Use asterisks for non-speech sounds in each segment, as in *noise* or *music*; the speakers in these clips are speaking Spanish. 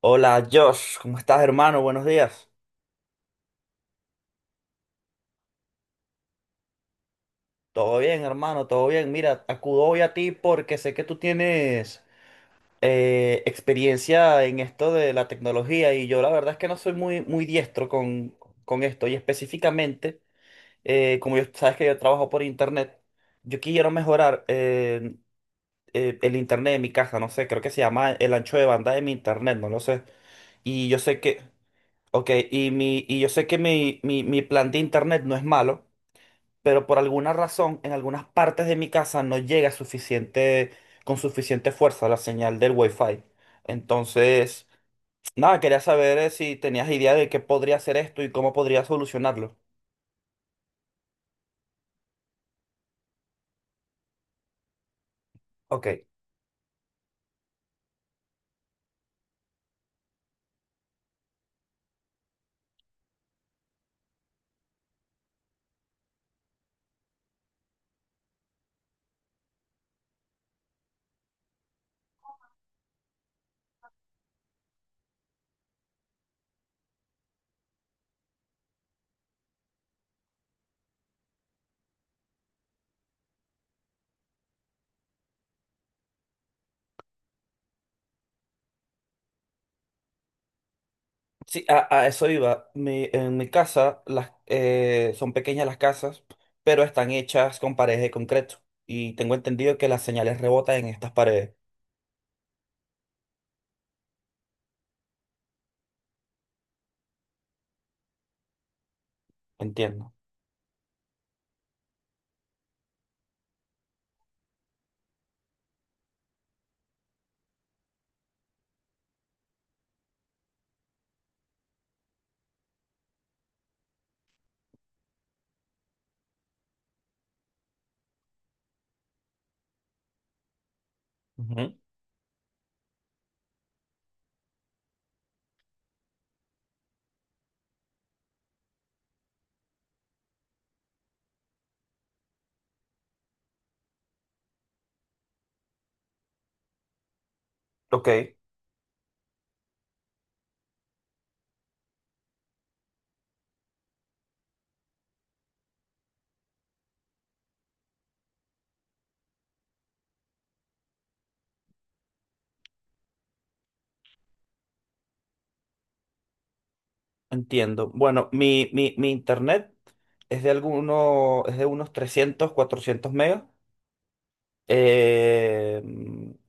Hola Josh, ¿cómo estás hermano? Buenos días. Todo bien hermano, todo bien. Mira, acudo hoy a ti porque sé que tú tienes experiencia en esto de la tecnología y yo la verdad es que no soy muy, muy diestro con esto y específicamente, como yo, sabes que yo trabajo por internet, yo quiero mejorar el internet de mi casa, no sé, creo que se llama el ancho de banda de mi internet, no lo sé. Y yo sé que, ok, y yo sé que mi plan de internet no es malo. Pero por alguna razón en algunas partes de mi casa no llega suficiente, con suficiente fuerza la señal del Wi-Fi. Entonces, nada, quería saber si tenías idea de qué podría hacer esto y cómo podría solucionarlo. Ok, sí, a eso iba. En mi casa son pequeñas las casas, pero están hechas con paredes de concreto. Y tengo entendido que las señales rebotan en estas paredes. Entiendo. Ujú. Ok. Entiendo. Bueno, mi internet es de unos 300 400 megas. Eh,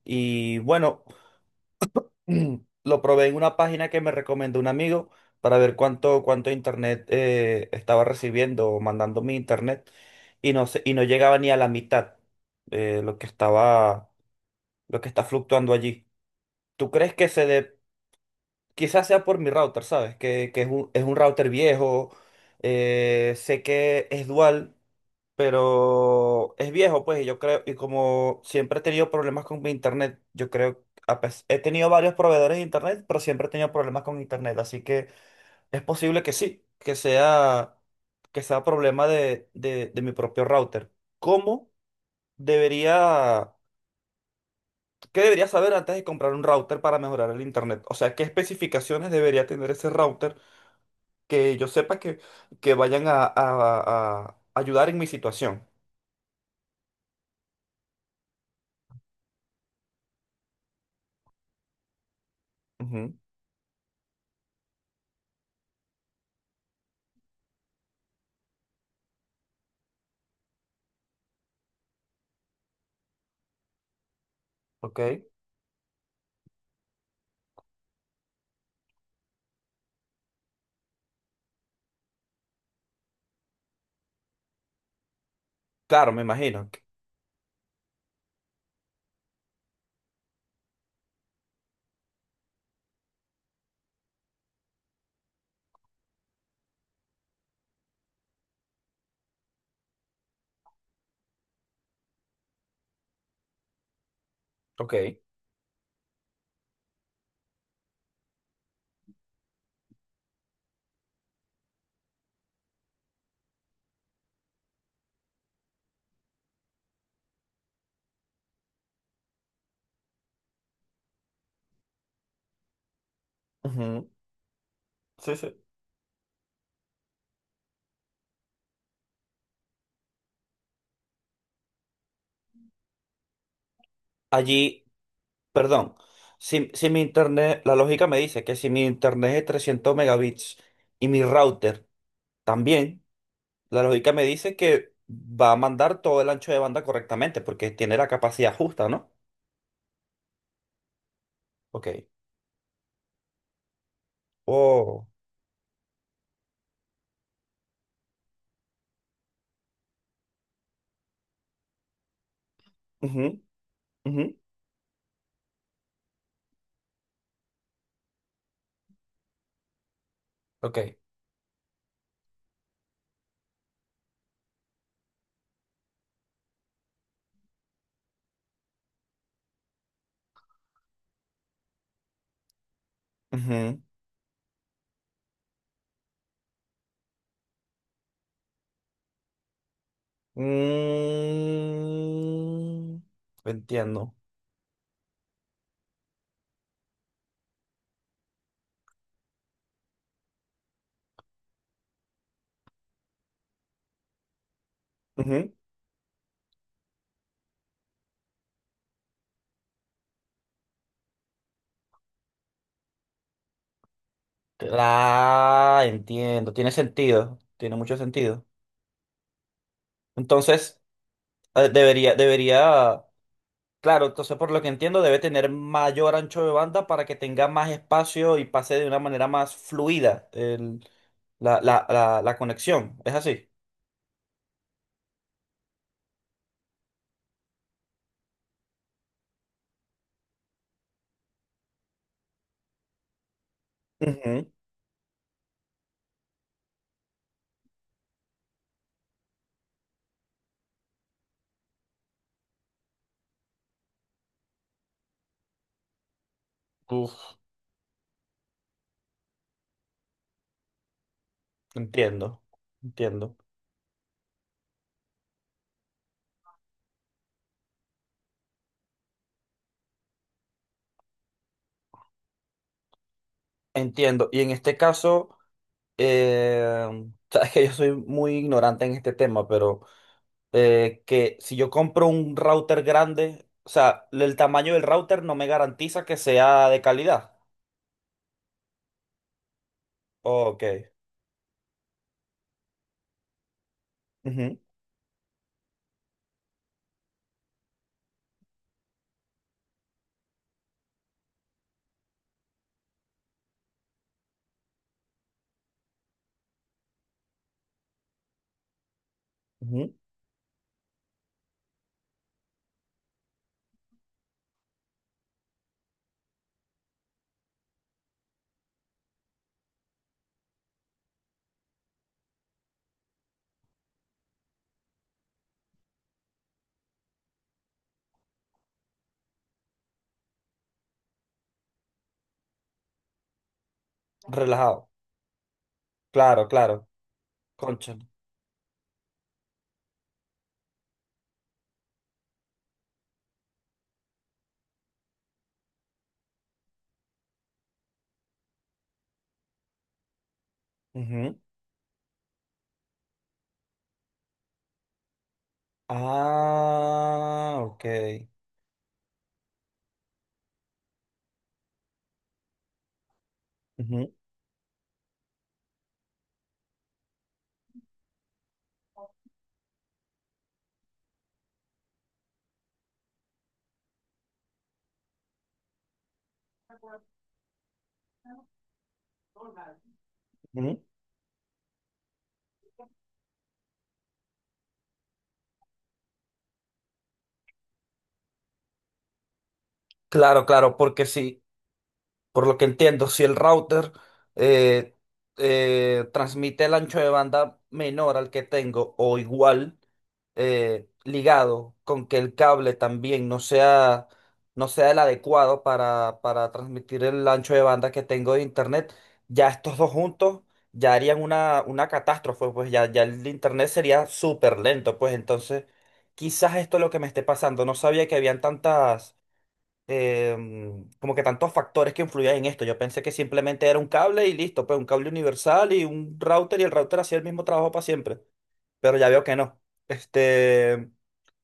y bueno, *clears throat* lo probé en una página que me recomendó un amigo para ver cuánto internet estaba recibiendo o mandando mi internet. Y no llegaba ni a la mitad eh, lo que estaba, lo que está fluctuando allí. ¿Tú crees que se dé Quizás sea por mi router, ¿sabes? Que es un router viejo. Sé que es dual, pero es viejo, pues, y yo creo, y como siempre he tenido problemas con mi internet, yo creo, he tenido varios proveedores de internet, pero siempre he tenido problemas con internet, así que es posible que sí, que sea problema de de mi propio router. ¿Cómo debería, ¿Qué debería saber antes de comprar un router para mejorar el internet? O sea, ¿qué especificaciones debería tener ese router? Que yo sepa que vayan a ayudar en mi situación. Ujú, ok. Claro, me imagino. Ok. Ujú, sí, sí. Allí, perdón. Si mi internet, la lógica me dice que si mi internet es 300 megabits y mi router también, la lógica me dice que va a mandar todo el ancho de banda correctamente porque tiene la capacidad justa, ¿no? Ok. Oh. Ujú, ujú. Ok. Ujú. Mm, entiendo. Ujú. Ah, entiendo. Tiene sentido. Tiene mucho sentido. Entonces, debería, claro, entonces por lo que entiendo, debe tener mayor ancho de banda para que tenga más espacio y pase de una manera más fluida la conexión. ¿Es así? Ujú. Uf, entiendo. Entiendo. Entiendo. Y en este caso. Sabes que yo soy muy ignorante en este tema, pero que si yo compro un router grande, o sea, el tamaño del router no me garantiza que sea de calidad. Ok. Ujú, ujú. Relajado. Claro, claro. Concha. Ujú. Ah, ok. Ujú, ujú. Claro, claro, porque sí. Por lo que entiendo, si el router eh, transmite el ancho de banda menor al que tengo o igual, ligado con que el cable también no sea, no sea el adecuado para transmitir el ancho de banda que tengo de internet, ya estos dos juntos ya harían una catástrofe, pues ya, ya el internet sería súper lento, pues entonces quizás esto es lo que me esté pasando. No sabía que habían tantas como que tantos factores que influían en esto. Yo pensé que simplemente era un cable y listo, pues un cable universal y un router y el router hacía el mismo trabajo para siempre, pero ya veo que no. Este,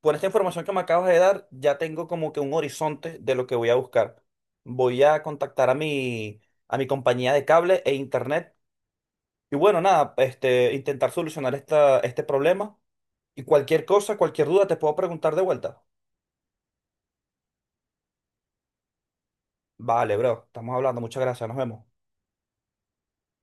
por esta información que me acabas de dar, ya tengo como que un horizonte de lo que voy a buscar. Voy a contactar a mi compañía de cable e internet y bueno, nada, este, intentar solucionar esta, este problema. Y cualquier cosa, cualquier duda, te puedo preguntar de vuelta. Vale, bro, estamos hablando. Muchas gracias, nos vemos.